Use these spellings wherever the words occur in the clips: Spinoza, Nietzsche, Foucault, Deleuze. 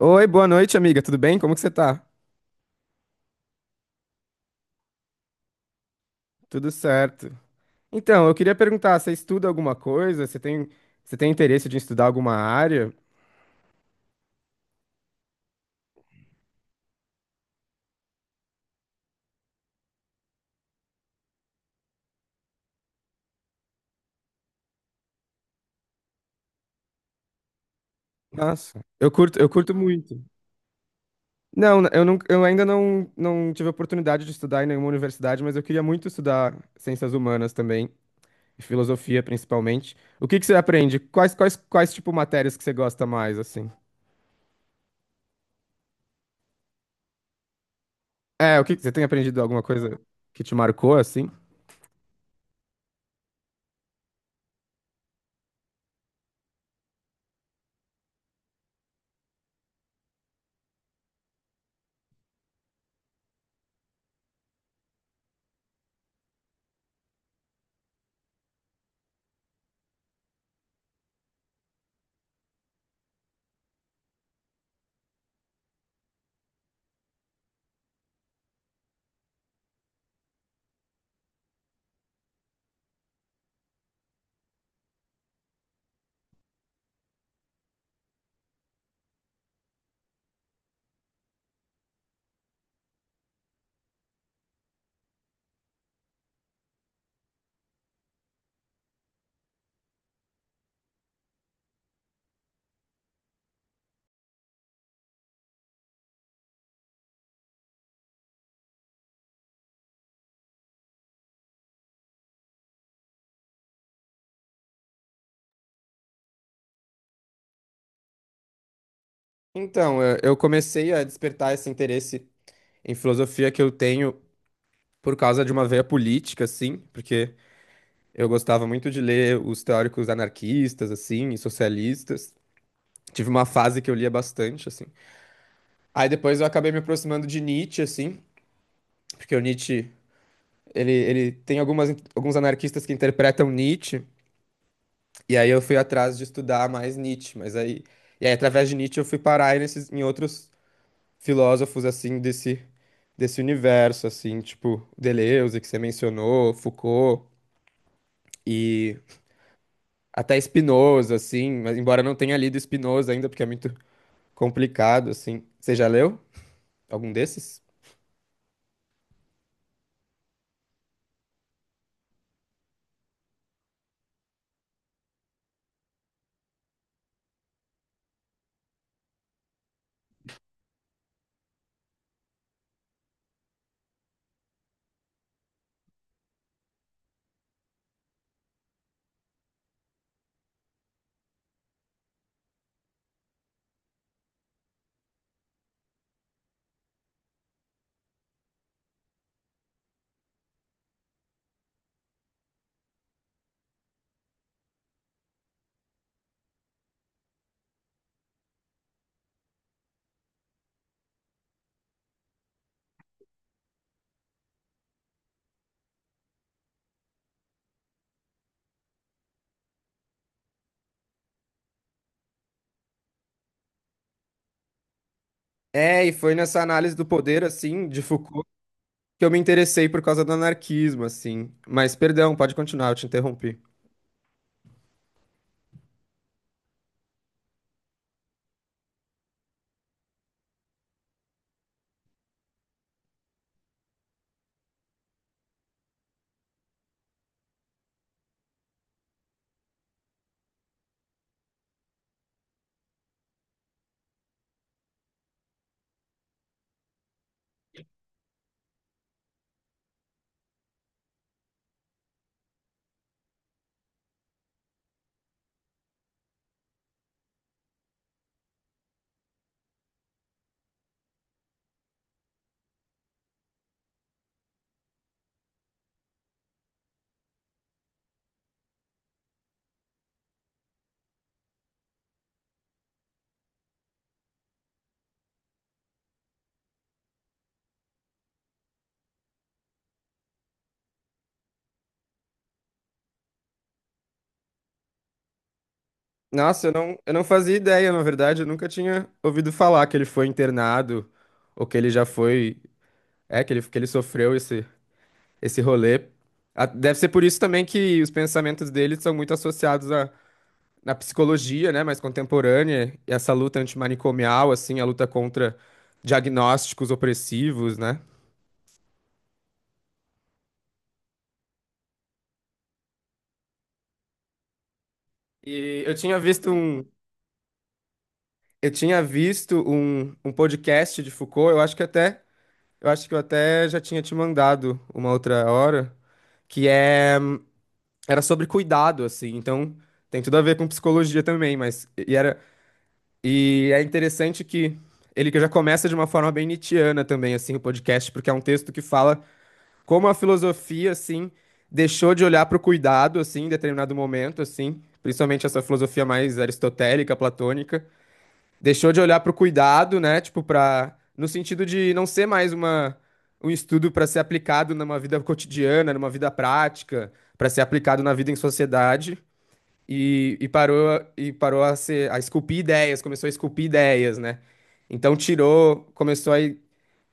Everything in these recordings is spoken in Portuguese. Oi, boa noite, amiga. Tudo bem? Como que você tá? Tudo certo. Então, eu queria perguntar, você estuda alguma coisa? Você tem interesse de estudar alguma área? Nossa, eu curto muito. Não, eu não, eu ainda não, não tive a oportunidade de estudar em nenhuma universidade, mas eu queria muito estudar ciências humanas também, e filosofia principalmente. O que que você aprende? Quais tipo matérias que você gosta mais, assim? É, o que que você tem aprendido alguma coisa que te marcou, assim? Então, eu comecei a despertar esse interesse em filosofia que eu tenho por causa de uma veia política, assim, porque eu gostava muito de ler os teóricos anarquistas, assim, e socialistas. Tive uma fase que eu lia bastante, assim. Aí depois eu acabei me aproximando de Nietzsche, assim, porque o Nietzsche, ele tem algumas, alguns anarquistas que interpretam Nietzsche, e aí eu fui atrás de estudar mais Nietzsche, mas aí... E aí, através de Nietzsche, eu fui parar aí nesses, em outros filósofos, assim, desse universo, assim, tipo Deleuze, que você mencionou, Foucault, e até Spinoza, assim, mas embora eu não tenha lido Spinoza ainda, porque é muito complicado, assim. Você já leu algum desses? É, e foi nessa análise do poder, assim, de Foucault, que eu me interessei por causa do anarquismo, assim. Mas, perdão, pode continuar, eu te interrompi. Nossa, eu não fazia ideia, na verdade, eu nunca tinha ouvido falar que ele foi internado, ou que ele já foi, é, que ele sofreu esse, esse rolê. Ah, deve ser por isso também que os pensamentos dele são muito associados na psicologia, né, mais contemporânea, essa luta antimanicomial, assim, a luta contra diagnósticos opressivos, né? E eu tinha visto um, um podcast de Foucault, eu acho que até, eu acho que eu até já tinha te mandado uma outra hora, que é, era sobre cuidado, assim, então tem tudo a ver com psicologia também, mas, e era, e é interessante que ele que já começa de uma forma bem nietzschiana também, assim, o podcast, porque é um texto que fala como a filosofia, assim, deixou de olhar para o cuidado, assim, em determinado momento, assim, principalmente essa filosofia mais aristotélica, platônica, deixou de olhar para o cuidado, né, tipo, para, no sentido de não ser mais uma, um estudo para ser aplicado numa vida cotidiana, numa vida prática, para ser aplicado na vida em sociedade, e, e parou a ser, a esculpir ideias, começou a esculpir ideias, né, então tirou, começou a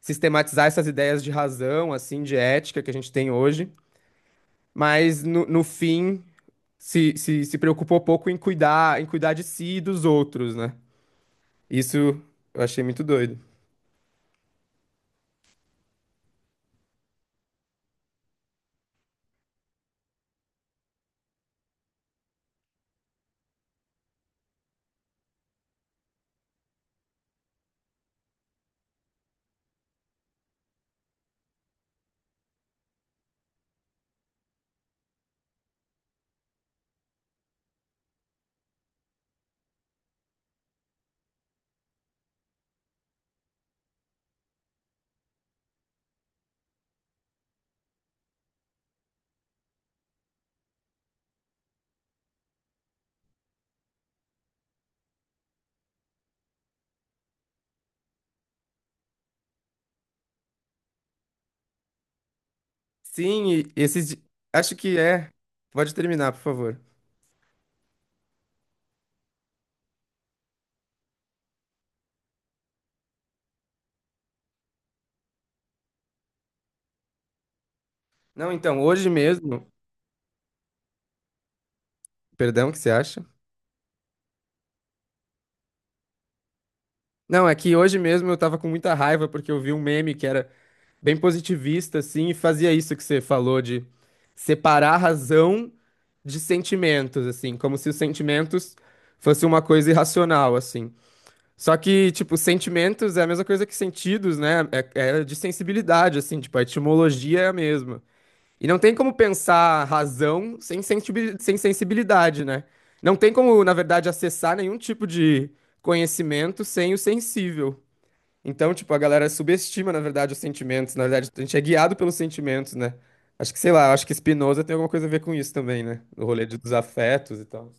sistematizar essas ideias de razão, assim, de ética que a gente tem hoje, mas no, no fim se preocupou pouco em cuidar de si e dos outros, né? Isso eu achei muito doido. Sim, e esses. Acho que é. Pode terminar, por favor. Não, então, hoje mesmo. Perdão, o que você acha? Não, é que hoje mesmo eu tava com muita raiva porque eu vi um meme que era bem positivista, assim, e fazia isso que você falou de separar razão de sentimentos, assim, como se os sentimentos fosse uma coisa irracional, assim. Só que, tipo, sentimentos é a mesma coisa que sentidos, né? É, é de sensibilidade, assim, tipo, a etimologia é a mesma. E não tem como pensar razão sem sensibilidade, né? Não tem como, na verdade, acessar nenhum tipo de conhecimento sem o sensível. Então, tipo, a galera subestima, na verdade, os sentimentos. Na verdade, a gente é guiado pelos sentimentos, né? Acho que, sei lá, acho que Spinoza tem alguma coisa a ver com isso também, né? O rolê dos afetos e tal.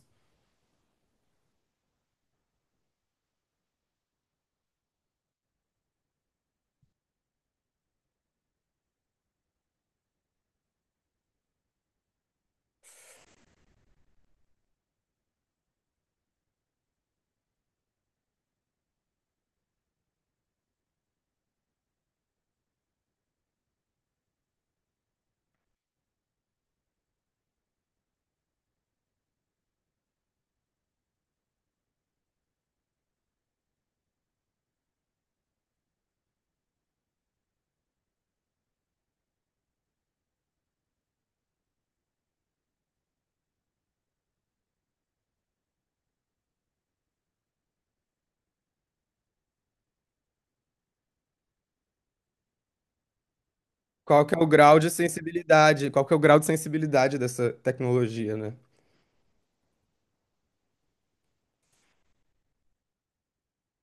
Qual que é o grau de sensibilidade? Qual que é o grau de sensibilidade dessa tecnologia, né?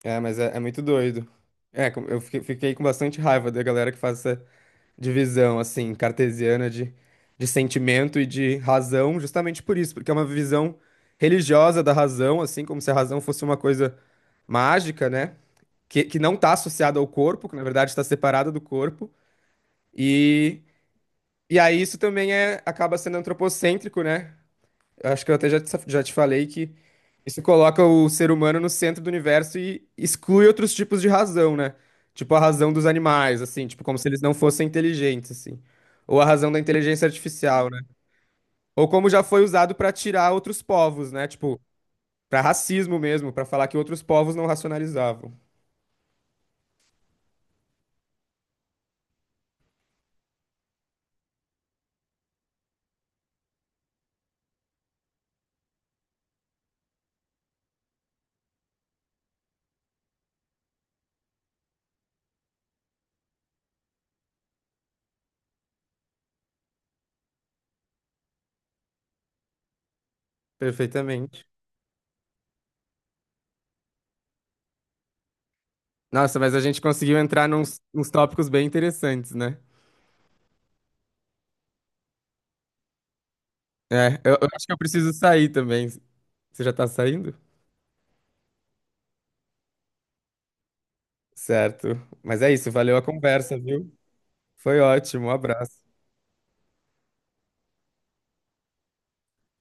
É, é muito doido. É, eu fiquei com bastante raiva da galera que faz essa divisão, assim, cartesiana de sentimento e de razão, justamente por isso, porque é uma visão religiosa da razão, assim, como se a razão fosse uma coisa mágica, né? Que não está associada ao corpo, que na verdade está separada do corpo. E, e aí isso também é, acaba sendo antropocêntrico, né? Eu acho que eu já te falei que isso coloca o ser humano no centro do universo e exclui outros tipos de razão, né? Tipo a razão dos animais, assim, tipo, como se eles não fossem inteligentes, assim. Ou a razão da inteligência artificial, né? Ou como já foi usado para tirar outros povos, né? Tipo, para racismo mesmo, para falar que outros povos não racionalizavam. Perfeitamente. Nossa, mas a gente conseguiu entrar nos tópicos bem interessantes, né? É, eu acho que eu preciso sair também. Você já tá saindo? Certo. Mas é isso, valeu a conversa, viu? Foi ótimo, um abraço.